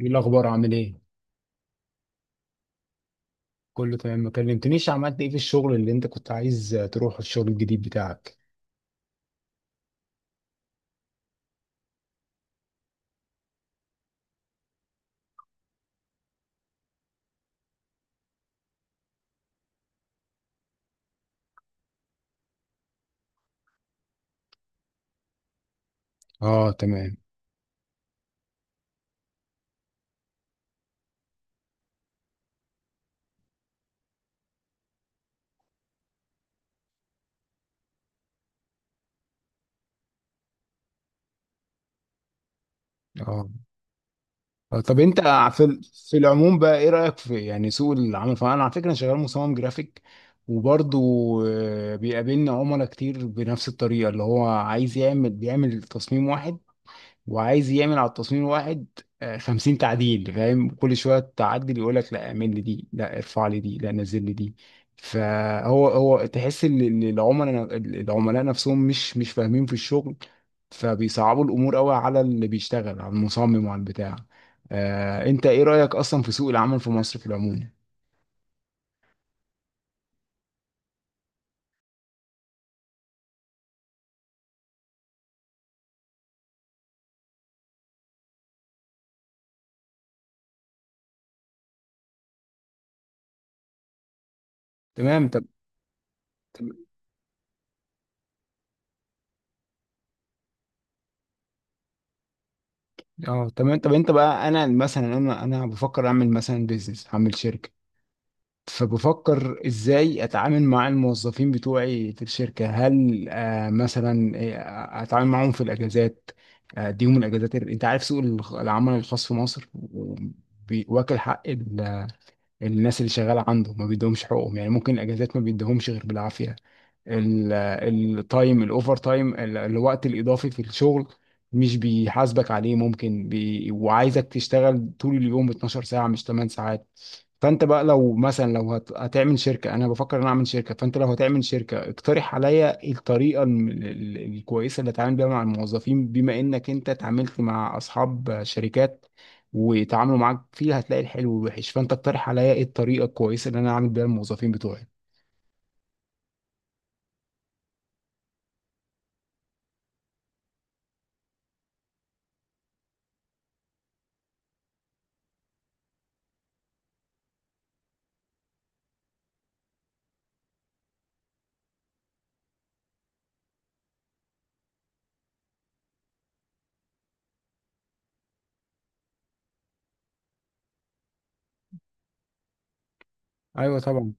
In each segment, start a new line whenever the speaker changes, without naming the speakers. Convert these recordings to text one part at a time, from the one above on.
ايه الاخبار؟ عامل ايه؟ كله تمام. ما كلمتنيش. عملت ايه في الشغل اللي انت كنت عايز تروح، الشغل الجديد بتاعك؟ اه تمام. اه. طب انت، في ال- في العموم بقى ايه رايك في يعني سوق العمل؟ فانا على فكره أنا شغال مصمم جرافيك. وبرضه بيقابلنا عملاء كتير بنفس الطريقه، اللي هو عايز يعمل بيعمل تصميم واحد وعايز يعمل على التصميم الواحد 50 تعديل. فاهم؟ كل شويه تعدل يقول لك: لا اعمل لي دي، لا ارفع لي دي، لا نزل لي دي. فهو تحس إن العملاء نفسهم مش فاهمين في الشغل، فبيصعبوا الامور قوي على اللي بيشتغل، على المصمم وعلى البتاع. انت ايه رايك اصلا في سوق العمل في مصر في العموم؟ تمام. طب. طب- اه تمام. طب انت بقى، انا مثلا، انا بفكر اعمل مثلا بيزنس، هعمل شركه. فبفكر ازاي اتعامل مع الموظفين بتوعي في الشركة. هل مثلا اتعامل معاهم في الاجازات؟ اديهم الاجازات؟ انت عارف سوق العمل الخاص في مصر، واكل حق الناس اللي شغالة عنده ما بيدهمش حقوقهم. يعني ممكن الاجازات ما بيدهمش غير بالعافية. ال- التايم، الاوفر تايم، الوقت الاضافي في الشغل مش بيحاسبك عليه. ممكن وعايزك تشتغل طول اليوم 12 ساعة مش 8 ساعات. فانت بقى لو مثلا، هتعمل شركة، انا بفكر ان أنا اعمل شركة. فانت لو هتعمل شركة اقترح عليا الطريقة الكويسة اللي اتعامل بيها مع الموظفين، بما انك انت اتعاملت مع اصحاب شركات ويتعاملوا معاك فيها، هتلاقي الحلو والوحش. فانت اقترح عليا ايه الطريقة الكويسة اللي انا اعمل بيها الموظفين بتوعي؟ ايوه طبعا.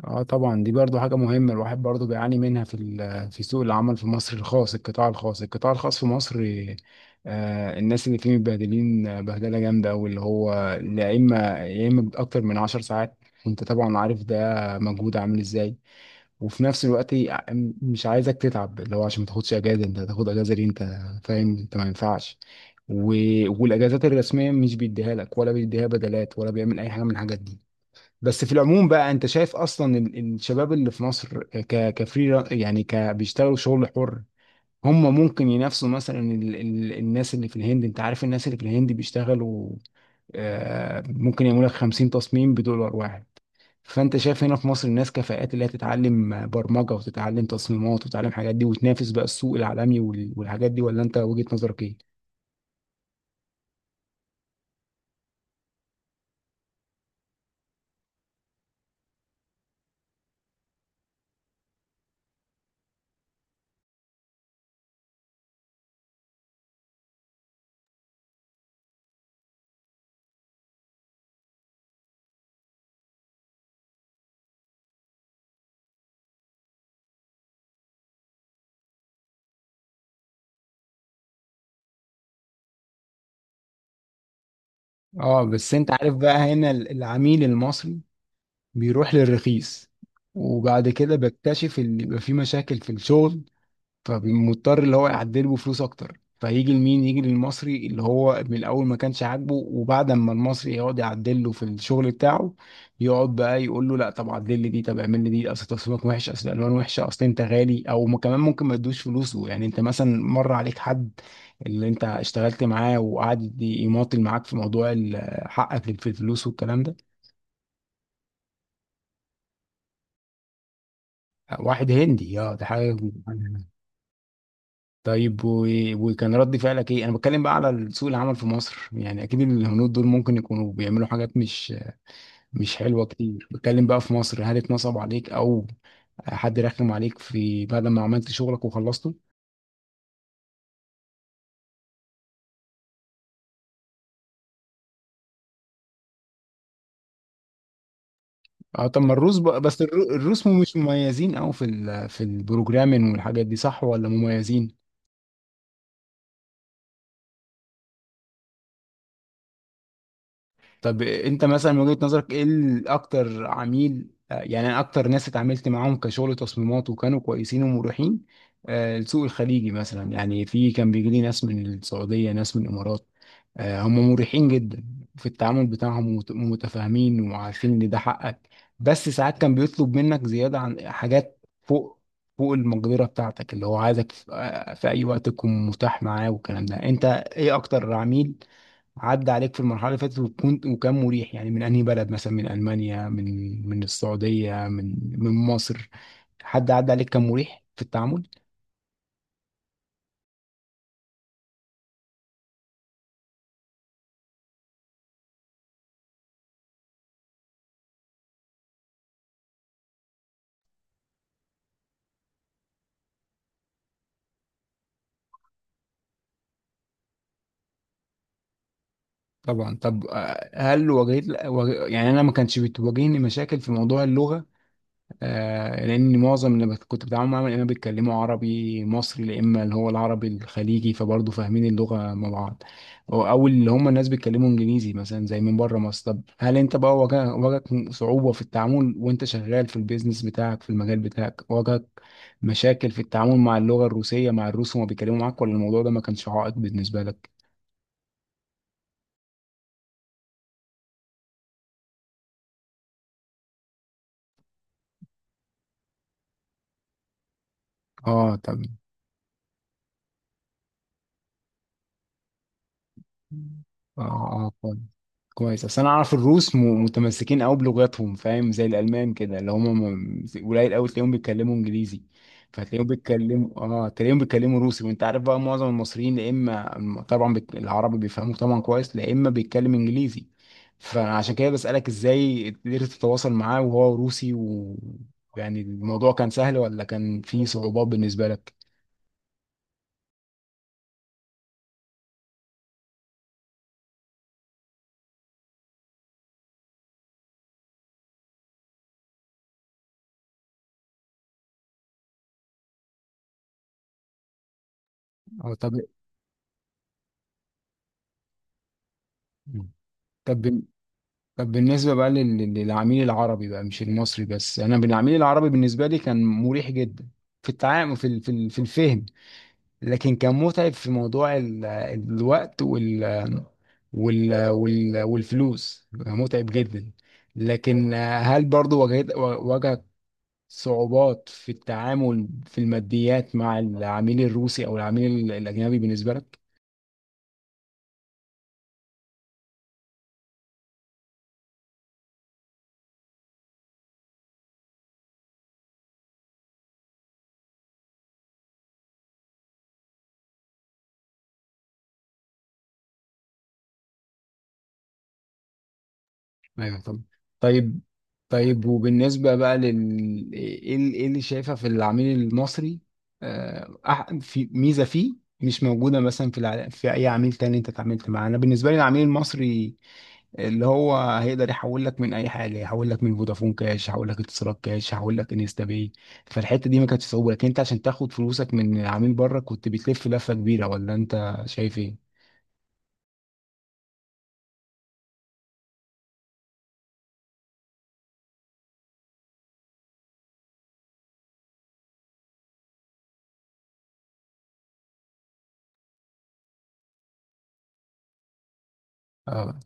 اه طبعا، دي برضو حاجة مهمة الواحد برضو بيعاني منها في سوق العمل في مصر الخاص، القطاع الخاص، القطاع الخاص في مصر. الناس اللي فيه متبهدلين، بهدلة جامدة أوي، اللي هو يا إما أكتر من 10 ساعات. وأنت طبعا عارف ده مجهود عامل إزاي. وفي نفس الوقت مش عايزك تتعب، اللي هو عشان ما تاخدش أجازة. أنت هتاخد أجازة ليه؟ أنت فاهم؟ أنت ما ينفعش. و... والأجازات الرسمية مش بيديها لك ولا بيديها بدلات ولا بيعمل أي حاجة من الحاجات دي. بس في العموم بقى انت شايف اصلا الشباب اللي في مصر كفري، يعني بيشتغلوا شغل حر، هم ممكن ينافسوا مثلا ال ال الناس اللي في الهند؟ انت عارف الناس اللي في الهند بيشتغلوا، ممكن يعملوا لك 50 تصميم بدولار واحد. فانت شايف هنا في مصر الناس كفاءات اللي هي تتعلم برمجة وتتعلم تصميمات وتتعلم حاجات دي وتنافس بقى السوق العالمي والحاجات دي، ولا انت وجهة نظرك ايه؟ اه. بس انت عارف بقى هنا العميل المصري بيروح للرخيص، وبعد كده بكتشف ان يبقى في مشاكل في الشغل، فمضطر اللي هو يعدله بفلوس اكتر. فيجي لمين؟ يجي للمصري اللي هو من الاول ما كانش عاجبه. وبعد ما المصري يقعد يعدل له في الشغل بتاعه، يقعد بقى يقول له: لا طب عدل لي دي، طب اعمل لي دي، اصل تصميمك وحش، اصل الالوان وحشه، اصل انت غالي. او كمان ممكن ما يدوش فلوسه. يعني انت مثلا مر عليك حد اللي انت اشتغلت معاه وقعد يماطل معاك في موضوع حقك في الفلوس والكلام ده. واحد هندي؟ اه ده حاجه. طيب وكان رد فعلك ايه؟ انا بتكلم بقى على سوق العمل في مصر، يعني اكيد الهنود دول ممكن يكونوا بيعملوا حاجات مش حلوه كتير، بتكلم بقى في مصر، هل اتنصب عليك، او حد رخم عليك في بعد ما عملت شغلك وخلصته؟ اه. طب ما الروس بقى، بس الروس مش مميزين قوي في البروجرامين والحاجات دي، صح ولا مميزين؟ طب انت مثلا من وجهة نظرك ايه اكتر عميل، يعني أنا اكتر ناس اتعاملت معاهم كشغل تصميمات وكانوا كويسين ومريحين، السوق الخليجي مثلا، يعني في كان بيجي لي ناس من السعودية، ناس من الامارات. هم مريحين جدا في التعامل بتاعهم ومتفاهمين وعارفين ان ده حقك. بس ساعات كان بيطلب منك زيادة عن حاجات فوق، فوق المقدرة بتاعتك، اللي هو عايزك في اي وقت تكون متاح معاه والكلام ده. انت ايه اكتر عميل عدى عليك في المرحلة اللي فاتت وكان مريح، يعني من أنهي بلد؟ مثلا من ألمانيا، من السعودية، من مصر؟ حد عدى عليك كان مريح في التعامل؟ طبعا. طب هل يعني أنا ما كانش بتواجهني مشاكل في موضوع اللغة، لان معظم اللي كنت بتعامل معاهم يا اما بيتكلموا عربي مصري، يا اما اللي هو العربي الخليجي، فبرضه فاهمين اللغه مع بعض. أو اللي هم الناس بيتكلموا انجليزي مثلا زي من بره مصر. طب هل انت بقى واجهك صعوبه في التعامل وانت شغال في البيزنس بتاعك، في المجال بتاعك؟ واجهك مشاكل في التعامل مع اللغه الروسيه مع الروس وما بيتكلموا معاك، ولا الموضوع ده ما كانش عائق بالنسبه لك؟ اه. طب. اه. اه. كويس، اصل انا اعرف الروس متمسكين قوي بلغتهم. فاهم؟ زي الالمان كده، اللي هم قليل قوي تلاقيهم بيتكلموا انجليزي. فتلاقيهم بيتكلموا اه تلاقيهم بيتكلموا روسي. وانت عارف بقى معظم المصريين يا اما طبعا العربي بيفهموا طبعا كويس، يا اما بيتكلم انجليزي. فعشان كده بسألك، ازاي قدرت تتواصل معاه وهو روسي؟ يعني الموضوع كان سهل ولا كان فيه صعوبات بالنسبة لك؟ اه طب طب بالنسبة بقى للعميل العربي بقى مش المصري بس. أنا بالعميل العربي بالنسبة لي كان مريح جدا في التعامل، في الفهم. لكن كان متعب في موضوع الوقت والفلوس، متعب جدا. لكن هل برضو واجهت صعوبات في التعامل في الماديات مع العميل الروسي أو العميل الأجنبي بالنسبة لك؟ ايوه طب. طيب. طيب، وبالنسبه بقى إيه اللي شايفه في العميل المصري؟ في ميزه فيه مش موجوده مثلا في اي عميل تاني انت اتعاملت معاه. انا بالنسبه لي العميل المصري اللي هو هيقدر يحول لك من اي حاجه، يحول لك من فودافون كاش، يحول لك اتصالات كاش، يحول لك انستا باي. فالحته دي ما كانتش صعوبه، لكن انت عشان تاخد فلوسك من عميل بره كنت بتلف لفه كبيره، ولا انت شايف ايه؟ اه.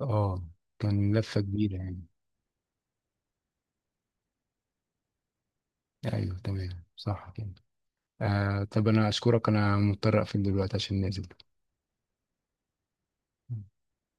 اه. كان لفه كبيره يعني. ايوه تمام صح كده. طب انا اشكرك، انا مضطر اقفل دلوقتي عشان نازل.